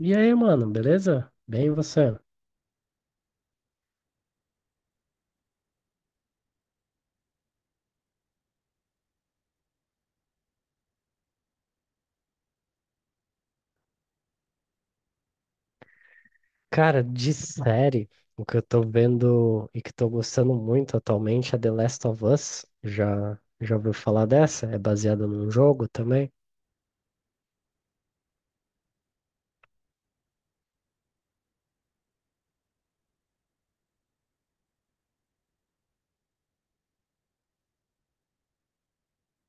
E aí, mano, beleza? Bem, e você? Cara, de série, o que eu tô vendo e que tô gostando muito atualmente é The Last of Us. Já ouviu falar dessa? É baseada num jogo também.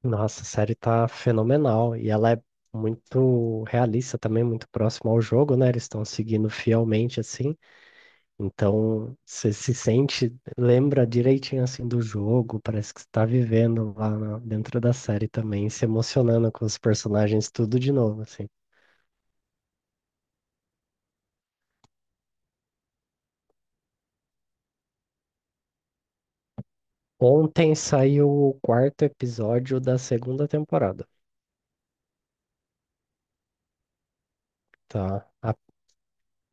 Nossa, a série tá fenomenal e ela é muito realista também, muito próxima ao jogo, né? Eles estão seguindo fielmente assim. Então, você se sente, lembra direitinho assim do jogo, parece que você tá vivendo dentro da série também, se emocionando com os personagens tudo de novo, assim. Ontem saiu o quarto episódio da segunda temporada. Tá, a-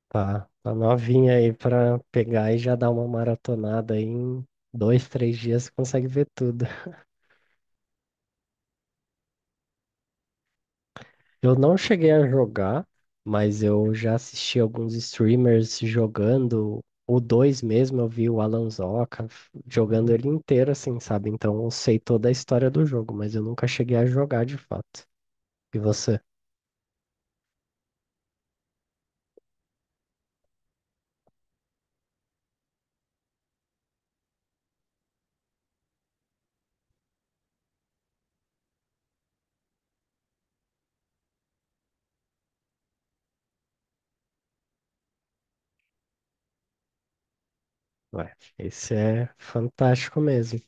tá novinha aí pra pegar e já dar uma maratonada aí em dois, três dias, você consegue ver tudo. Eu não cheguei a jogar, mas eu já assisti alguns streamers jogando. O 2 mesmo, eu vi o Alan jogando ele inteiro, assim, sabe? Então eu sei toda a história do jogo, mas eu nunca cheguei a jogar de fato. E você? Ué, esse é fantástico mesmo.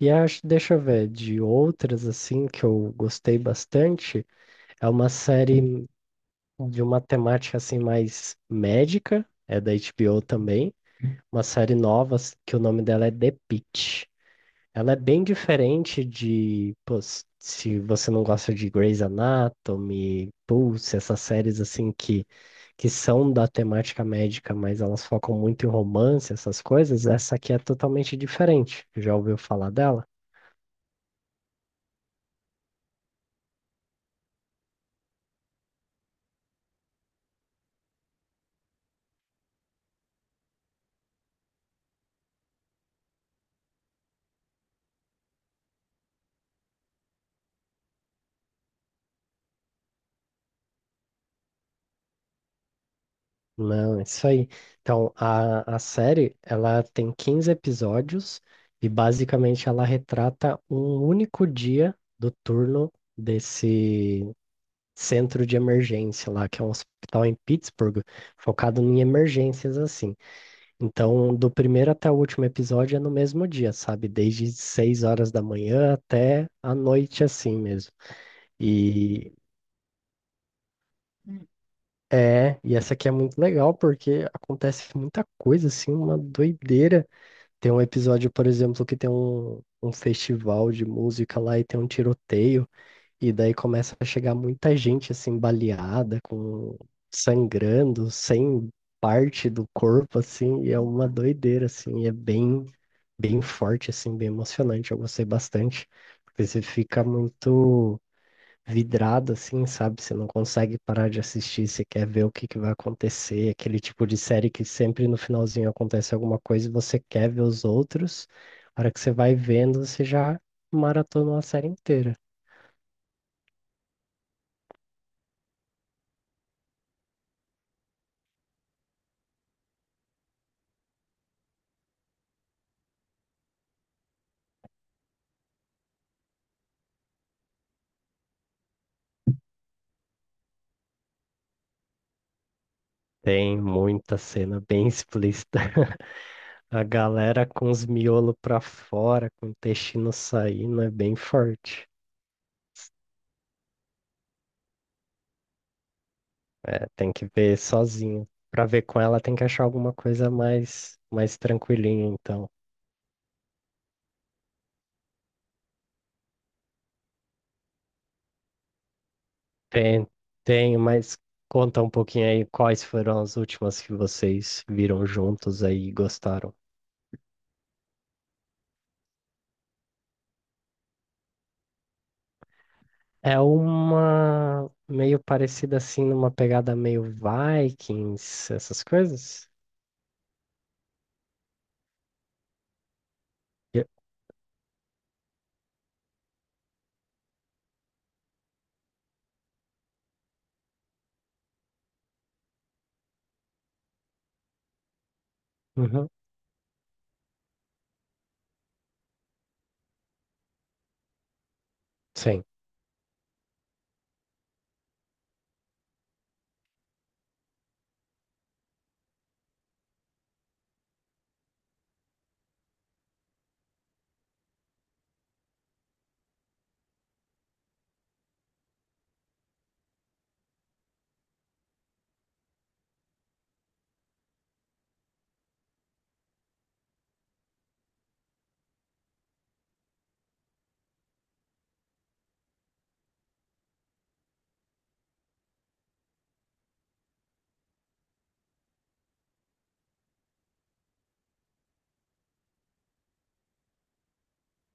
E acho, deixa eu ver, de outras, assim, que eu gostei bastante, é uma série de uma temática, assim, mais médica, é da HBO também. Uma que o nome dela é The Pitt. Ela é bem diferente de, pô, se você não gosta de Grey's Anatomy, Pulse, essas séries assim que são da temática médica, mas elas focam muito em romance, essas coisas. Essa aqui é totalmente diferente. Já ouviu falar dela? Não, é isso aí. Então, a série, ela tem 15 episódios e basicamente ela retrata um único dia do turno desse centro de emergência lá, que é um hospital em Pittsburgh, focado em emergências assim. Então, do primeiro até o último episódio é no mesmo dia, sabe? Desde 6 horas da manhã até a noite assim mesmo. E é, e essa aqui é muito legal porque acontece muita coisa assim, uma doideira. Tem um episódio, por exemplo, que tem um festival de música lá e tem um tiroteio. E daí começa a chegar muita gente assim baleada, com sangrando, sem parte do corpo assim, e é uma doideira assim, e é bem forte assim, bem emocionante. Eu gostei bastante, porque você fica muito vidrado assim, sabe? Você não consegue parar de assistir, você quer ver o que que vai acontecer, aquele tipo de série que sempre no finalzinho acontece alguma coisa e você quer ver os outros. A hora que você vai vendo, você já maratona a série inteira. Tem muita cena bem explícita. A galera com os miolos pra fora, com o intestino saindo, é bem forte. É, tem que ver sozinho. Pra ver com ela, tem que achar alguma coisa mais tranquilinha, então. Tem, tem, mas conta um pouquinho aí quais foram as últimas que vocês viram juntos aí e gostaram. É uma meio parecida assim, numa pegada meio Vikings, essas coisas? Eu- Uhum. Sim.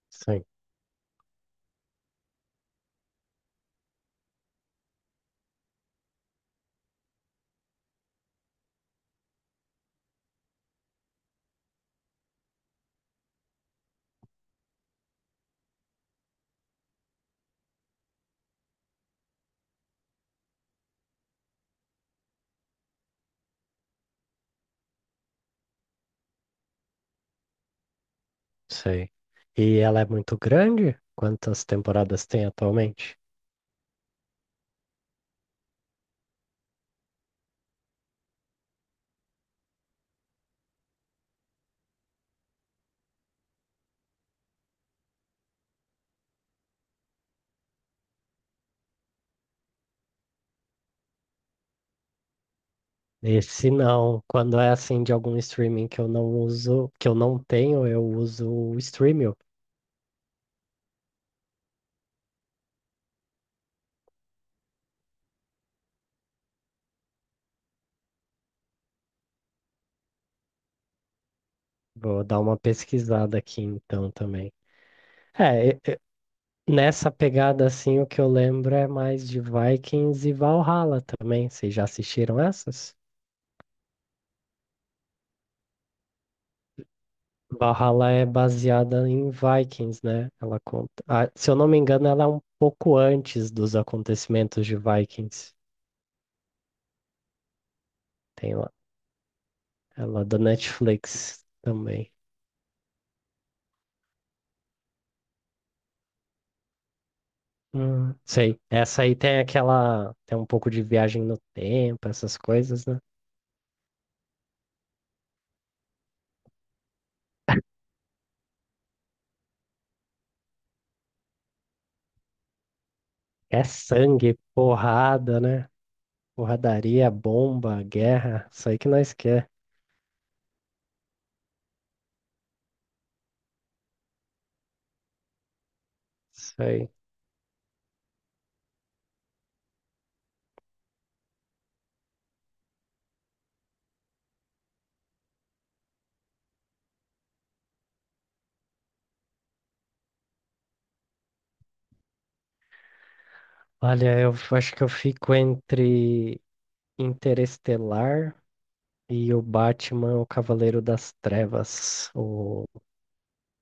Sim, sei. E ela é muito grande? Quantas temporadas tem atualmente? E se não, quando é assim de algum streaming que eu não uso, que eu não tenho, eu uso o Streamio. Vou dar uma pesquisada aqui então também. É, nessa pegada assim, o que eu lembro é mais de Vikings e Valhalla também. Vocês já assistiram essas? Valhalla é baseada em Vikings, né? Ela conta, ah, se eu não me engano, ela é um pouco antes dos acontecimentos de Vikings. Tem lá. Ela é da Netflix também. Sei. Essa aí tem aquela. Tem um pouco de viagem no tempo, essas coisas, né? É sangue, porrada, né? Porradaria, bomba, guerra. Isso aí que nós quer. Isso aí. Olha, acho que eu fico entre Interestelar e o Batman, é o Cavaleiro das Trevas,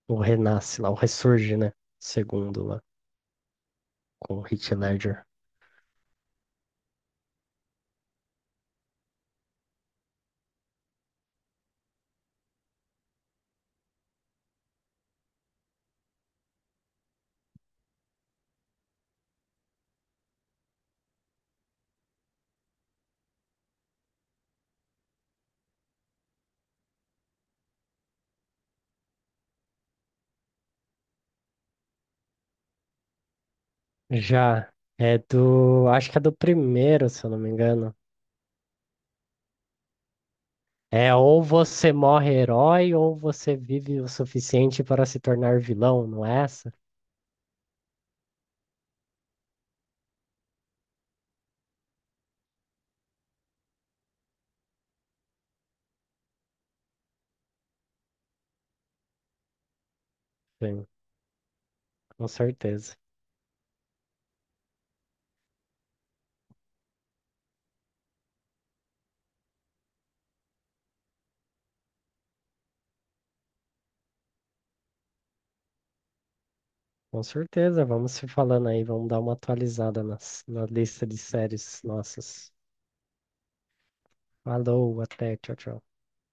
o renasce lá, o ressurge, né? Segundo lá, com o Heath Ledger. Já é do, acho que é do primeiro, se eu não me engano. É ou você morre herói ou você vive o suficiente para se tornar vilão, não é essa? Sim, com certeza. Com certeza, vamos se falando aí, vamos dar uma atualizada na lista de séries nossas. Falou, até, tchau, tchau.